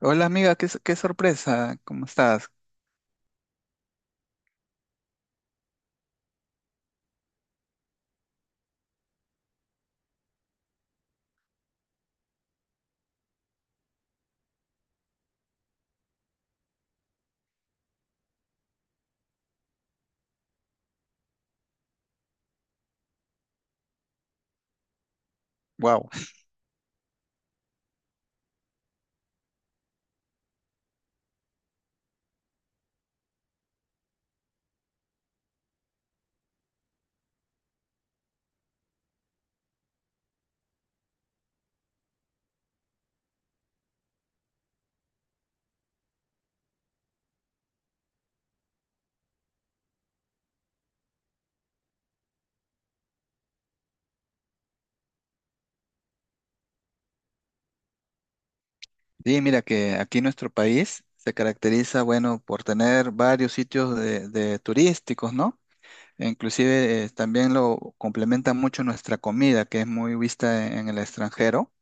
Hola amiga, qué sorpresa, ¿cómo estás? Wow. Sí, mira que aquí nuestro país se caracteriza, bueno, por tener varios sitios de turísticos, ¿no? E inclusive también lo complementa mucho nuestra comida, que es muy vista en el extranjero,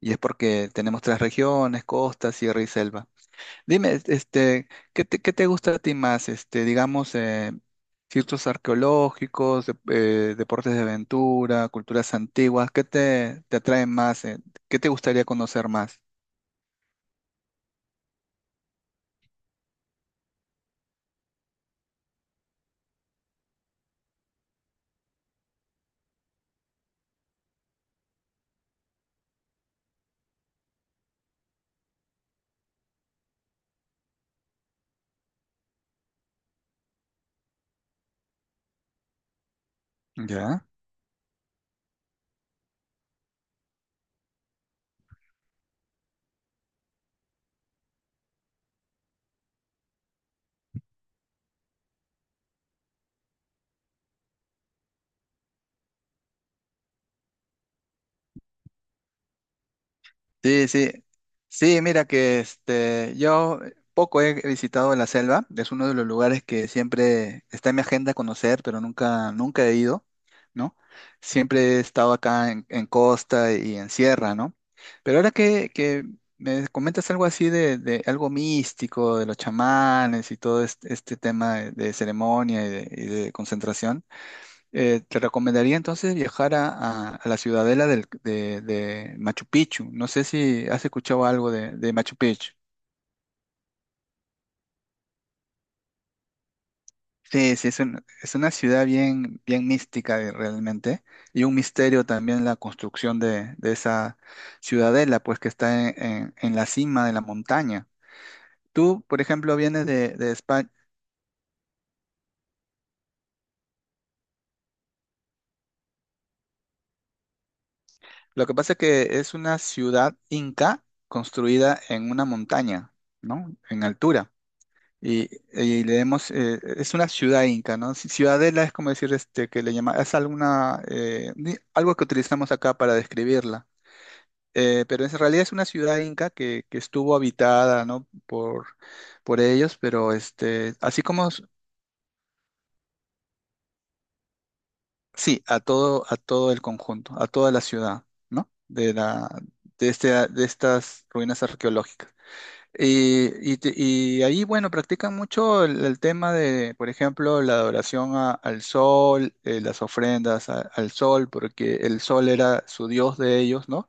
y es porque tenemos tres regiones, costa, sierra y selva. Dime, ¿ qué te gusta a ti más? Este, digamos, sitios arqueológicos, deportes de aventura, culturas antiguas, ¿ te atrae más? ¿Eh? ¿Qué te gustaría conocer más? ¿Ya? Sí, sí. Sí, mira que este, yo poco he visitado la selva, es uno de los lugares que siempre está en mi agenda conocer, pero nunca, nunca he ido, ¿no? Siempre he estado acá en costa y en sierra, ¿no? Pero ahora que me comentas algo así de algo místico, de los chamanes y todo este, este tema de ceremonia y de concentración. Te recomendaría entonces viajar a la ciudadela de Machu Picchu. No sé si has escuchado algo de Machu Picchu. Sí, sí, es una ciudad bien, bien mística realmente, y un misterio también la construcción de esa ciudadela, pues que está en la cima de la montaña. Tú, por ejemplo, vienes de España. Lo que pasa es que es una ciudad inca construida en una montaña, ¿no? En altura. Y leemos, es una ciudad inca, ¿no? Ciudadela es como decir este, que le llama, es alguna, algo que utilizamos acá para describirla. Pero en realidad es una ciudad inca que estuvo habitada, ¿no? Por ellos, pero este, así como, s- sí, a todo el conjunto, a toda la ciudad, ¿no? De la, de este, de estas ruinas arqueológicas. Y, y ahí, bueno, practican mucho el tema de, por ejemplo, la adoración al sol, las ofrendas al sol, porque el sol era su dios de ellos, ¿no?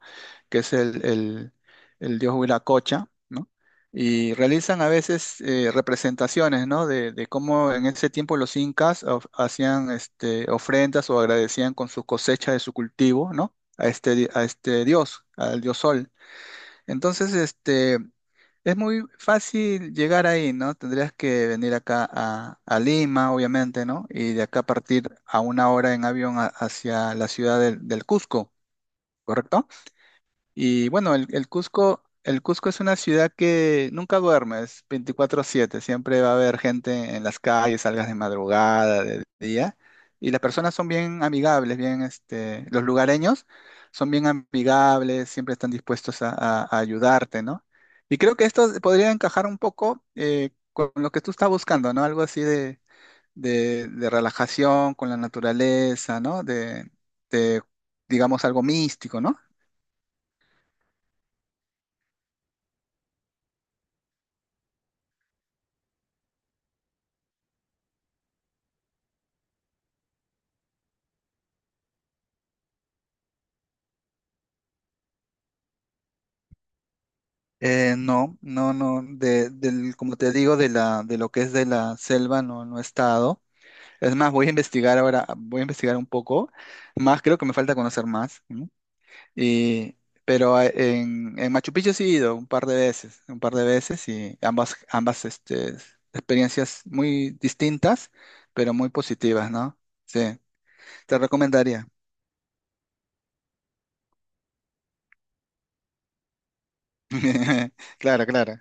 Que es el dios Huiracocha, ¿no? Y realizan a veces representaciones, ¿no? De cómo en ese tiempo los incas hacían este, ofrendas o agradecían con su cosecha de su cultivo, ¿no? A a este dios, al dios sol. Entonces, este, es muy fácil llegar ahí, ¿no? Tendrías que venir acá a Lima, obviamente, ¿no? Y de acá partir a una hora en avión hacia la ciudad del Cusco, y bueno, el Cusco es una ciudad que nunca duermes, 24/7, siempre va a haber gente en las calles, salgas de madrugada, de día, y las personas son bien amigables, bien, este, los lugareños son bien amigables, siempre están dispuestos a ayudarte, ¿no? Y creo que esto podría encajar un poco con lo que tú estás buscando, ¿no? Algo así de relajación con la naturaleza, ¿no? De, digamos, algo místico, ¿no? No, no, no, como te digo, de lo que es de la selva no, no he estado. Es más, voy a investigar ahora, voy a investigar un poco más, creo que me falta conocer más, ¿no? Y, pero en Machu Picchu sí he ido un par de veces, un par de veces, y ambas, ambas este, experiencias muy distintas, pero muy positivas, ¿no? Sí, te recomendaría. Claro, claro.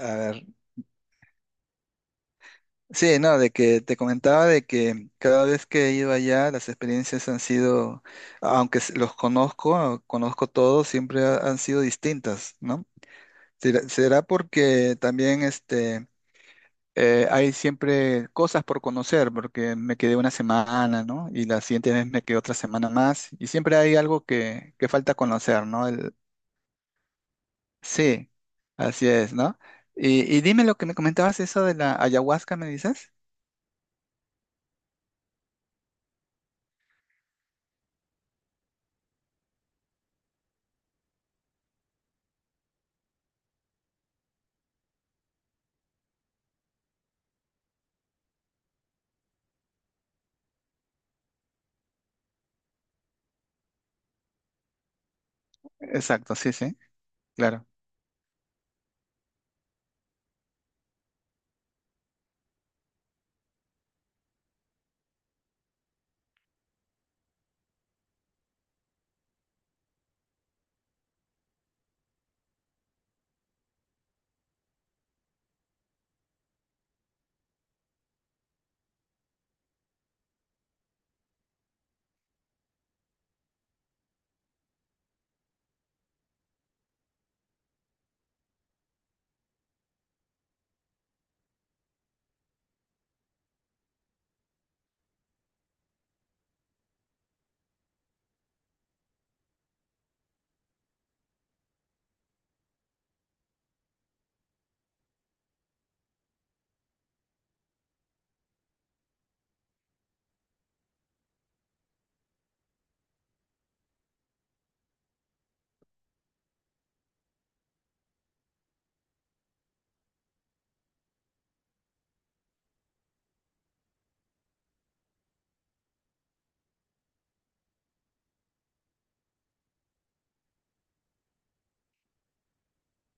A ver. Sí, no, de que te comentaba de que cada vez que he ido allá, las experiencias han sido, los conozco, conozco todos, siempre han sido distintas, ¿no? Será, será porque también este, hay siempre cosas por conocer, porque me quedé una semana, ¿no? Y la siguiente vez me quedé otra semana más, y siempre hay algo que falta conocer, ¿no? El, sí, así es, ¿no? Y dime lo que me comentabas, eso de la ayahuasca, ¿me dices? Exacto, sí, sí, claro.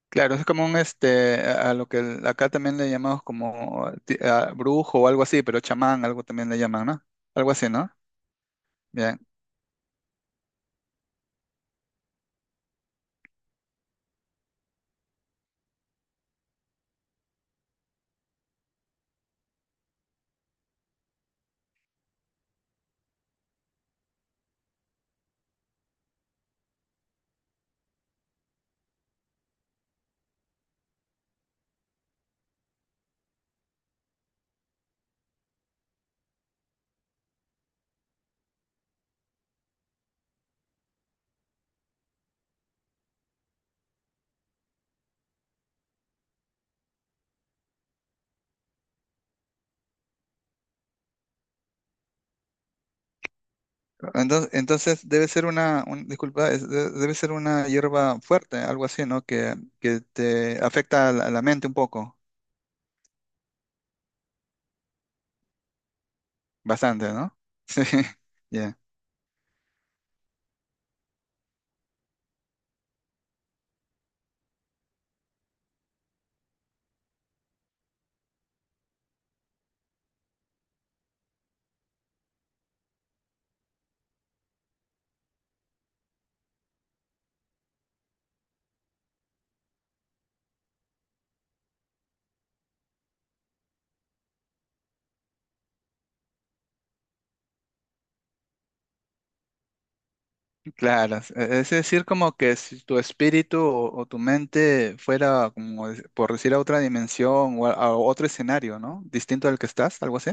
Claro, es como un este, a lo que acá también le llamamos como a brujo o algo así, pero chamán, algo también le llaman, ¿no? Algo así, ¿no? Bien. Entonces, entonces debe ser disculpa, debe ser una hierba fuerte, algo así, ¿no? Que te afecta a a la mente un poco, bastante, ¿no? Sí, bien. Claro, es decir, como que si tu espíritu o tu mente fuera, como por decir, a otra dimensión o a otro escenario, ¿no? Distinto al que estás, algo así.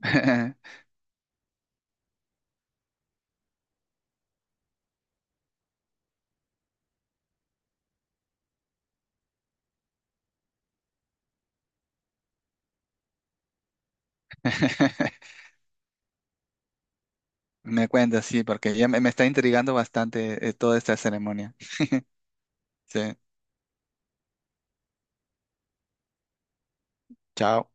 Me cuenta, sí, porque ya me está intrigando bastante toda esta ceremonia. Sí, chao.